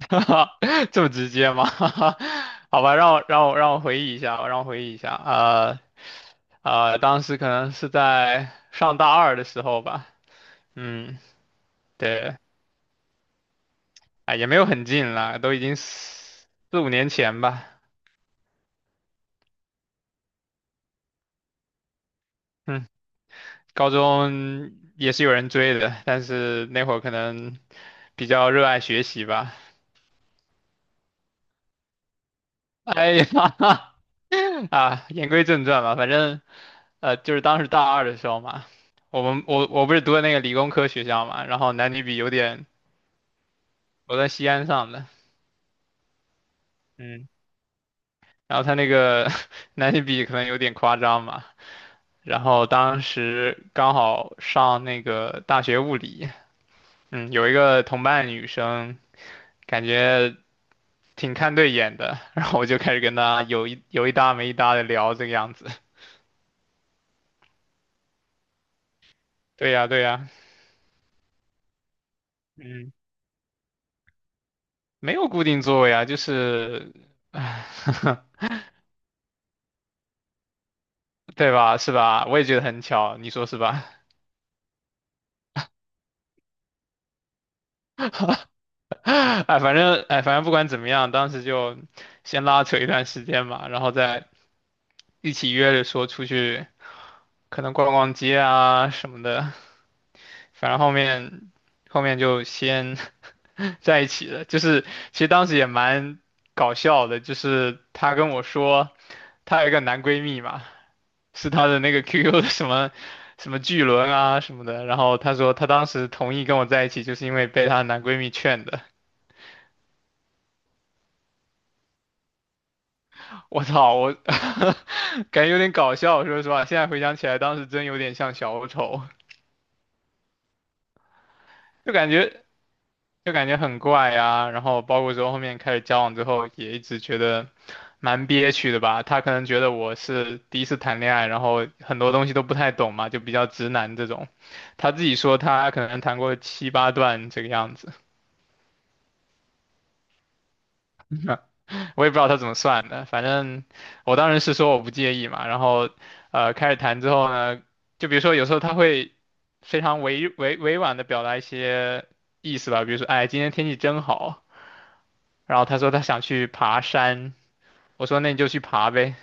哈哈，这么直接吗？好吧，让我回忆一下，让我回忆一下。当时可能是在上大二的时候吧。嗯，对，哎，也没有很近了，都已经四五年前吧。嗯，高中也是有人追的，但是那会儿可能比较热爱学习吧。哎呀，啊，言归正传吧，反正就是当时大二的时候嘛，我们不是读的那个理工科学校嘛，然后男女比有点，我在西安上的。嗯，然后他那个 男女比可能有点夸张嘛，然后当时刚好上那个大学物理，嗯，有一个同班的女生，感觉挺看对眼的，然后我就开始跟她有一搭没一搭的聊这个样子。对呀对呀，嗯，没有固定座位啊，就是，唉。 对吧？是吧？我也觉得很巧，你说是吧？哎，反正哎，反正不管怎么样，当时就先拉扯一段时间嘛，然后再一起约着说出去，可能逛逛街啊什么的。反正后面就先 在一起了，就是其实当时也蛮搞笑的，就是她跟我说她有一个男闺蜜嘛，是他的那个 QQ 的什么什么巨轮啊什么的，然后她说她当时同意跟我在一起，就是因为被她的男闺蜜劝的。我操，我 感觉有点搞笑，说实话，现在回想起来，当时真有点像小丑，就感觉就感觉很怪啊。然后包括说后面开始交往之后，也一直觉得蛮憋屈的吧。他可能觉得我是第一次谈恋爱，然后很多东西都不太懂嘛，就比较直男这种。他自己说他可能谈过七八段这个样子。我也不知道他怎么算的，反正我当时是说我不介意嘛，然后开始谈之后呢，就比如说有时候他会非常委婉的表达一些意思吧，比如说哎今天天气真好，然后他说他想去爬山，我说那你就去爬呗，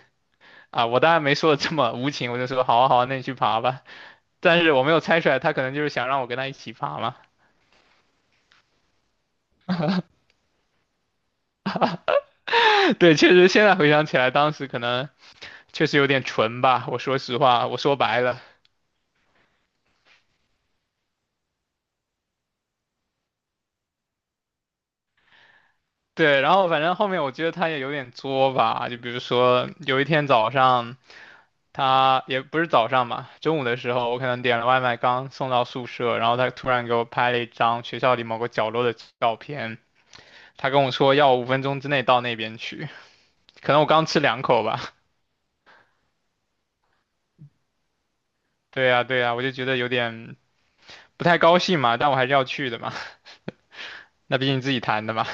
啊我当然没说的这么无情，我就说好啊好啊，那你去爬吧，但是我没有猜出来他可能就是想让我跟他一起爬嘛。对，确实现在回想起来当时可能确实有点蠢吧，我说实话，我说白了。对，然后反正后面我觉得他也有点作吧，就比如说有一天早上，他也不是早上嘛，中午的时候我可能点了外卖，刚送到宿舍，然后他突然给我拍了一张学校里某个角落的照片，他跟我说要我5分钟之内到那边去，可能我刚吃两口吧。对呀，对呀，我就觉得有点不太高兴嘛，但我还是要去的嘛，那毕竟自己谈的嘛。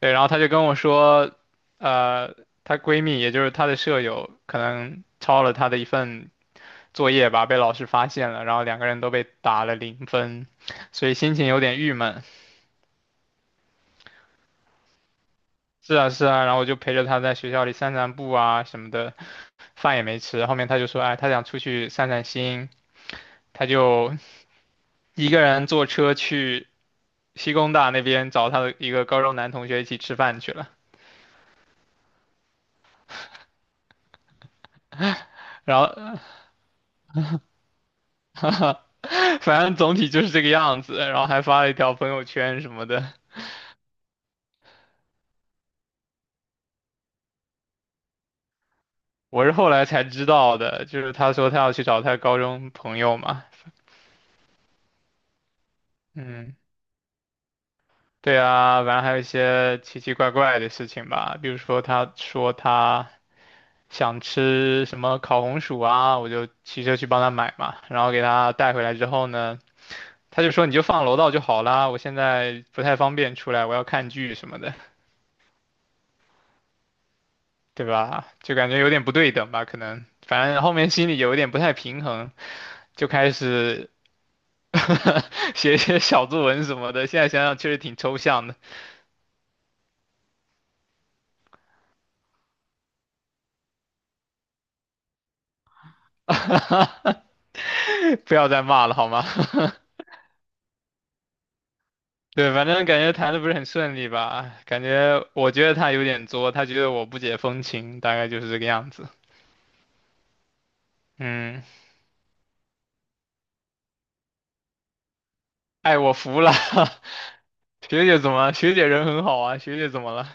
对，然后他就跟我说，呃，她闺蜜也就是她的舍友可能抄了她的一份作业吧，被老师发现了，然后两个人都被打了0分，所以心情有点郁闷。是啊，是啊，然后我就陪着他在学校里散散步啊什么的，饭也没吃。后面他就说，哎，他想出去散散心，他就一个人坐车去西工大那边找他的一个高中男同学一起吃饭去了。然后，反正总体就是这个样子，然后还发了一条朋友圈什么的。我是后来才知道的，就是他说他要去找他高中朋友嘛。嗯，对啊，然后还有一些奇奇怪怪的事情吧，比如说他说他想吃什么烤红薯啊，我就骑车去帮他买嘛，然后给他带回来之后呢，他就说你就放楼道就好啦，我现在不太方便出来，我要看剧什么的。对吧？就感觉有点不对等吧，可能反正后面心里有一点不太平衡，就开始 写一些小作文什么的，现在想想确实挺抽象的。不要再骂了好吗？对，反正感觉谈的不是很顺利吧，感觉我觉得他有点作，他觉得我不解风情，大概就是这个样子。嗯，哎，我服了。学姐怎么了？学姐人很好啊，学姐怎么了？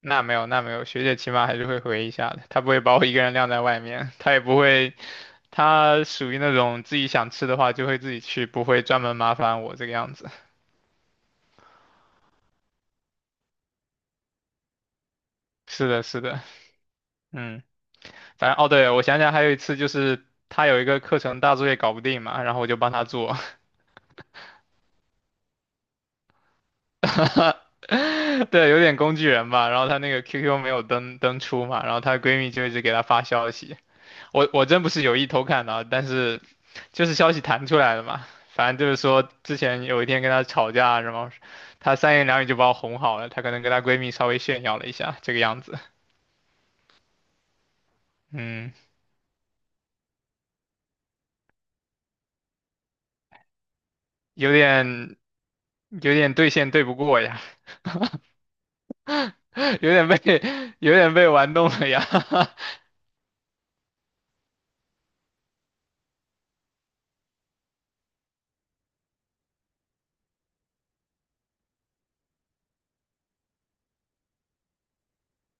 那没有，那没有，学姐起码还是会回一下的，她不会把我一个人晾在外面，她也不会，她属于那种自己想吃的话就会自己去，不会专门麻烦我这个样子。是的，是的，嗯，反正哦，对，我想想还有一次就是他有一个课程大作业搞不定嘛，然后我就帮他做。对，有点工具人吧。然后她那个 QQ 没有登出嘛，然后她闺蜜就一直给她发消息。我我真不是有意偷看的啊，但是就是消息弹出来了嘛。反正就是说，之前有一天跟她吵架，然后她三言两语就把我哄好了。她可能跟她闺蜜稍微炫耀了一下，这个样子。嗯，有点有点对线对不过呀。有点被有点被玩弄了呀。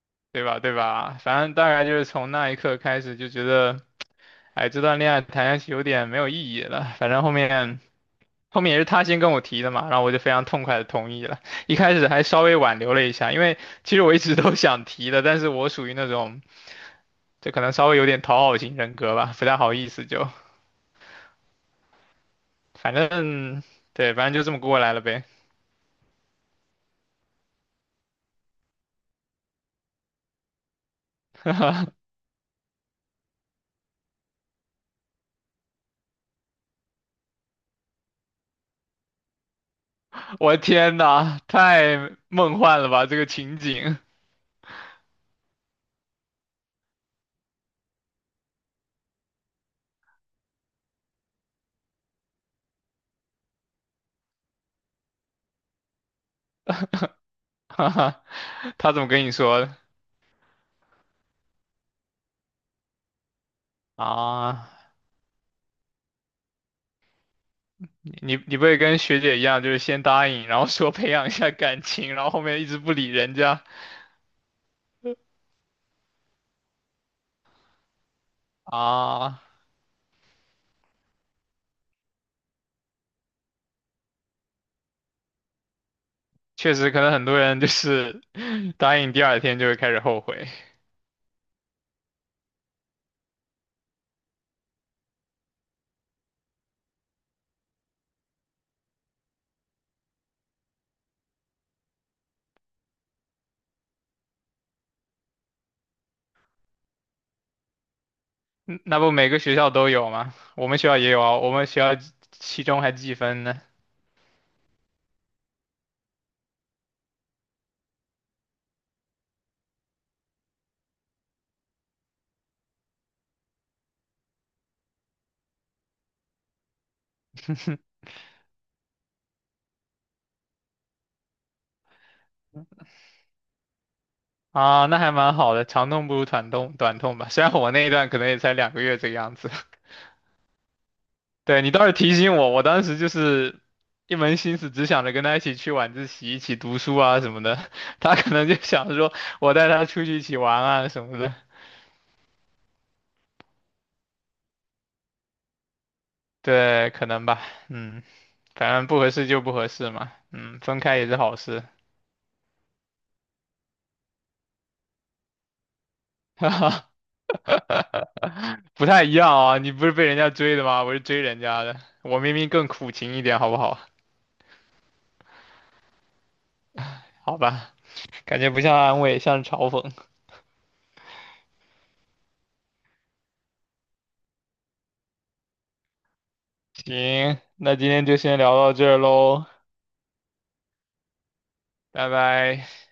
对吧？对吧？反正大概就是从那一刻开始就觉得，哎，这段恋爱谈下去有点没有意义了。反正后面也是他先跟我提的嘛，然后我就非常痛快的同意了。一开始还稍微挽留了一下，因为其实我一直都想提的，但是我属于那种就可能稍微有点讨好型人格吧，不太好意思就，反正对，反正就这么过来了呗。我的天呐，太梦幻了吧这个情景。哈哈，他怎么跟你说的啊？你你不会跟学姐一样，就是先答应，然后说培养一下感情，然后后面一直不理人家啊？确实，可能很多人就是 答应第二天就会开始后悔。嗯那不每个学校都有吗？我们学校也有啊，我们学校期中还计分呢。啊，那还蛮好的，长痛不如短痛，短痛吧。虽然我那一段可能也才2个月这个样子。对，你倒是提醒我，我当时就是一门心思只想着跟他一起去晚自习、一起读书啊什么的。他可能就想着说我带他出去一起玩啊什么的。对，可能吧，嗯，反正不合适就不合适嘛，嗯，分开也是好事。哈哈，不太一样啊，你不是被人家追的吗？我是追人家的，我明明更苦情一点，好不好？好吧，感觉不像安慰，像是嘲讽。行，那今天就先聊到这儿喽，拜拜。